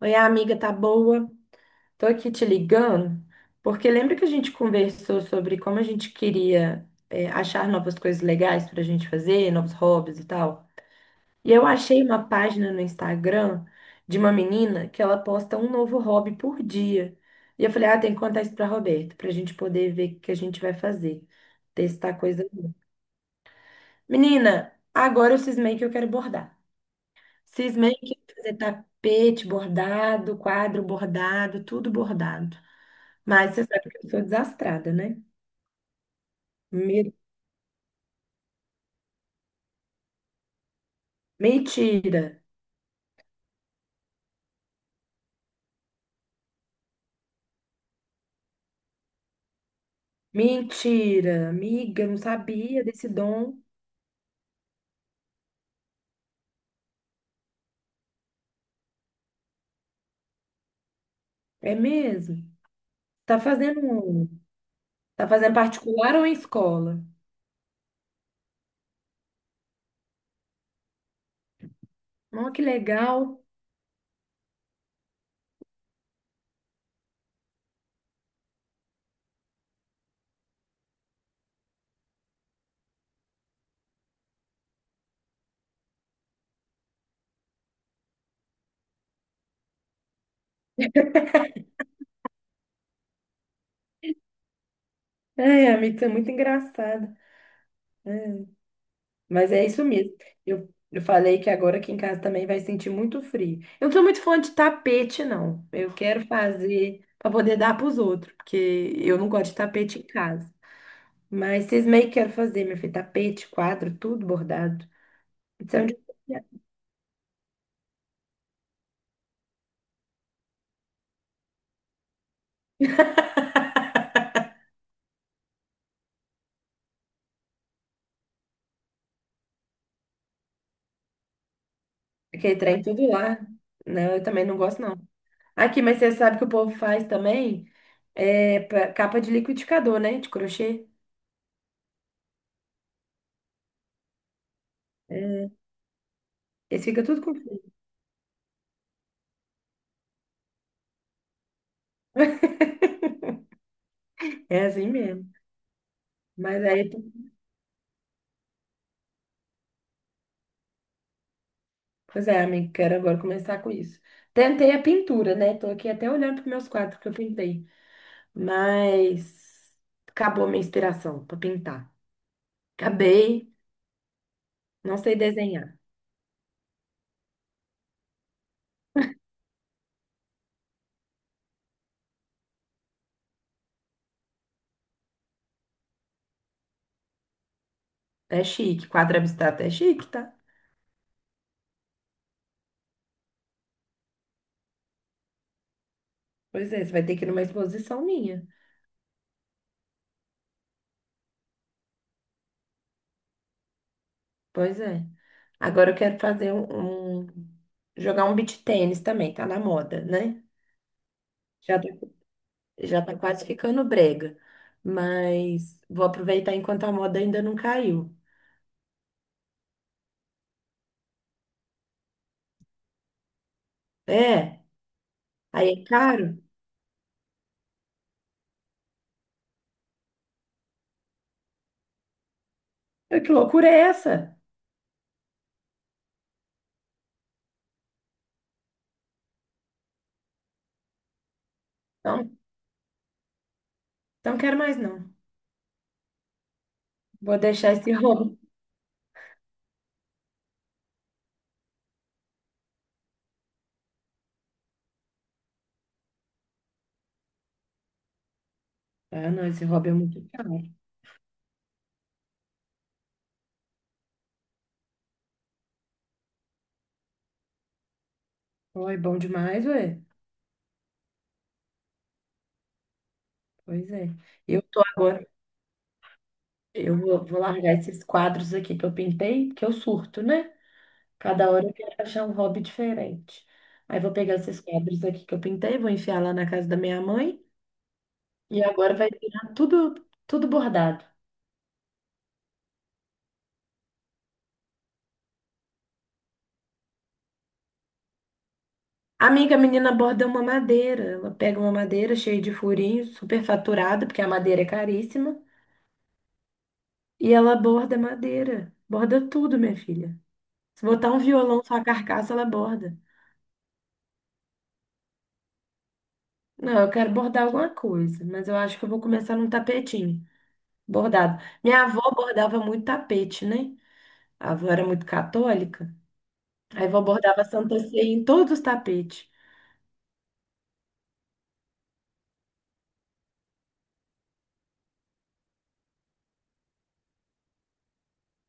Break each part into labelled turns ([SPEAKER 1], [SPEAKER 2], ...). [SPEAKER 1] Oi, amiga, tá boa? Tô aqui te ligando, porque lembra que a gente conversou sobre como a gente queria, achar novas coisas legais pra gente fazer, novos hobbies e tal? E eu achei uma página no Instagram de uma menina que ela posta um novo hobby por dia. E eu falei, ah, tem que contar isso pra Roberta, pra gente poder ver o que a gente vai fazer, testar coisa nova. Menina, agora eu cismei que eu quero bordar. Cismei que eu quero fazer tapete bordado, quadro bordado, tudo bordado. Mas você sabe que eu sou desastrada, né? Me- Mentira, mentira, amiga, não sabia desse dom. É mesmo? Tá fazendo, tá fazendo particular ou em escola? Oh, que legal. É, amiga, isso é muito engraçado. Mas é isso mesmo. Eu falei que agora aqui em casa também vai sentir muito frio. Eu não sou muito fã de tapete, não. Eu quero fazer para poder dar para os outros, porque eu não gosto de tapete em casa. Mas vocês meio que querem fazer, meu filho, tapete, quadro, tudo bordado. Isso de onde... Aquele trem tudo lá. Não, eu também não gosto, não. Aqui, mas você sabe que o povo faz também capa de liquidificador, né? De crochê. É, esse fica tudo com fio. É assim mesmo. Mas aí, pois é, amigo, quero agora começar com isso. Tentei a pintura, né? Tô aqui até olhando para meus quadros que eu pintei. Mas acabou a minha inspiração para pintar. Acabei, não sei desenhar. É chique, quadro abstrato é chique, tá? Pois é, você vai ter que ir numa exposição minha. Pois é. Agora eu quero fazer jogar um beach tênis também, tá na moda, né? Já tá, já tá quase ficando brega. Mas vou aproveitar enquanto a moda ainda não caiu. É, aí é caro. Ah, que loucura é essa? Não, não quero mais, não. Vou deixar esse hobby. Ah, não, esse hobby é muito caro. Oh, é bom demais, ué. Pois é. Eu tô agora. Eu vou largar esses quadros aqui que eu pintei, porque eu surto, né? Cada hora eu quero achar um hobby diferente. Aí vou pegar esses quadros aqui que eu pintei, vou enfiar lá na casa da minha mãe e agora vai virar tudo, tudo bordado. Amiga, a menina borda uma madeira. Ela pega uma madeira cheia de furinho, super faturada, porque a madeira é caríssima, e ela borda madeira. Borda tudo, minha filha. Se botar um violão só a carcaça, ela borda. Não, eu quero bordar alguma coisa, mas eu acho que eu vou começar num tapetinho. Bordado. Minha avó bordava muito tapete, né? A avó era muito católica. Aí a avó bordava Santa Ceia em todos os tapetes.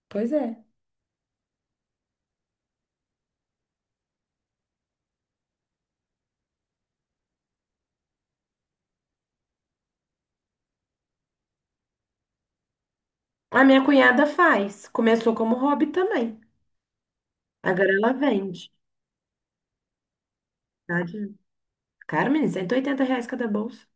[SPEAKER 1] Pois é. A minha cunhada faz. Começou como hobby também. Agora ela vende. Tadinha. Cara, menina, R$ 180 cada bolsa.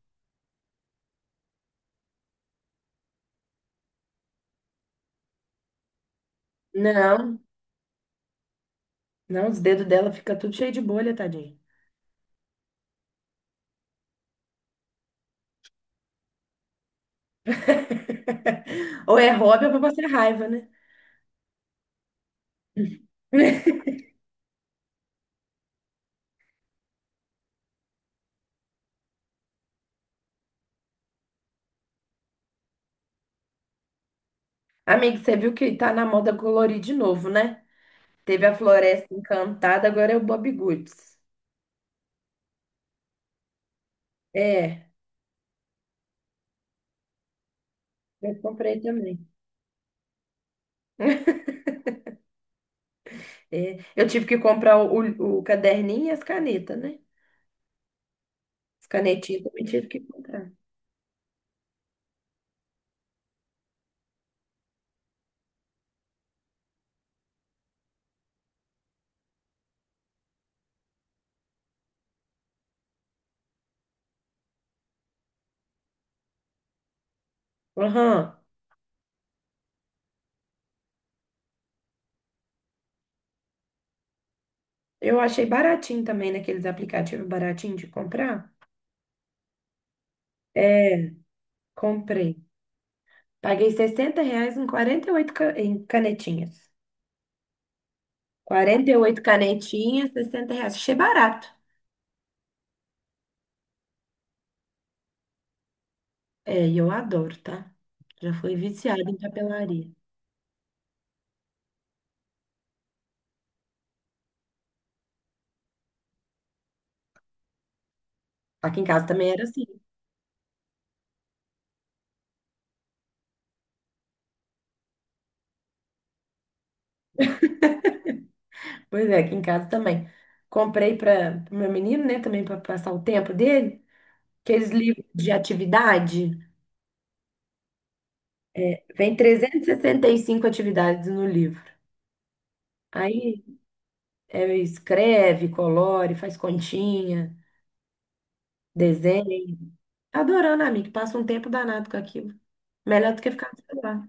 [SPEAKER 1] Não, não, os dedos dela fica tudo cheio de bolha, tadinha. Ou é hobby ou pra passar raiva, né? Amigo, você viu que tá na moda colorir de novo, né? Teve a Floresta Encantada, agora é o Bob Goods. É, eu comprei também. É, eu tive que comprar caderninho e as canetas, né? As canetinhas também tive que comprar. Aham. Eu achei baratinho também naqueles aplicativos baratinho de comprar. É, comprei. Paguei 60 reais em em canetinhas. 48 canetinhas, R$ 60. Achei barato. É, e eu adoro, tá? Já fui viciada em papelaria. Aqui em casa também era assim. Pois é, aqui em casa também. Comprei para o meu menino, né, também para passar o tempo dele, aqueles livros de atividade. Vem e 65 atividades no livro. Aí é, escreve, colore, faz continha, desenha. Adorando, amiga, passa um tempo danado com aquilo. Melhor do que ficar no celular.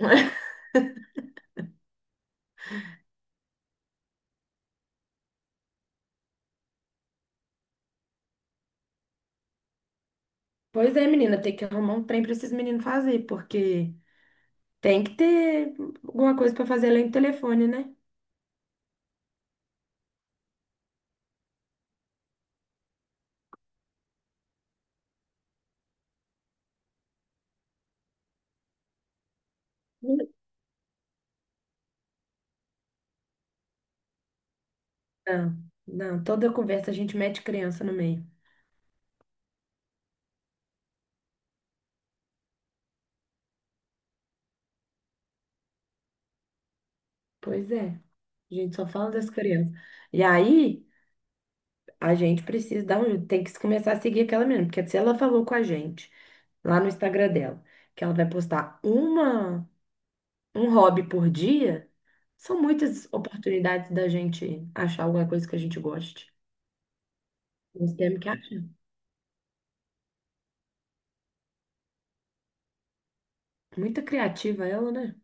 [SPEAKER 1] Pois é, menina, tem que arrumar um trem para esses meninos fazer, porque tem que ter alguma coisa para fazer além do telefone, né? Não, não, toda conversa a gente mete criança no meio. Pois é, a gente só fala das crianças. E aí, a gente precisa dar um jeito, tem que começar a seguir aquela menina, porque se ela falou com a gente lá no Instagram dela, que ela vai postar um hobby por dia, são muitas oportunidades da gente achar alguma coisa que a gente goste. Nós temos que achar. Muito criativa ela, né?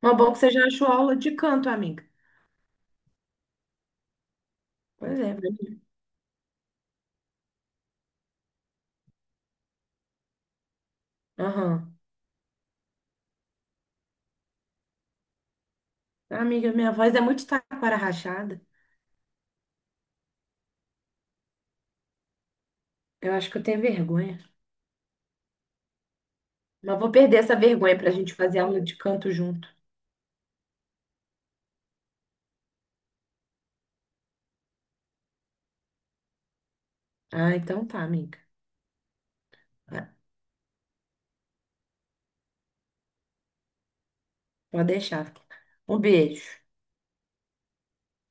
[SPEAKER 1] Mas bom que você já achou aula de canto, amiga. Pois é. Aham. Amiga, minha voz é muito taquara rachada. Eu acho que eu tenho vergonha. Mas vou perder essa vergonha pra gente fazer aula de canto junto. Ah, então tá, amiga. Ah, pode deixar. Um beijo.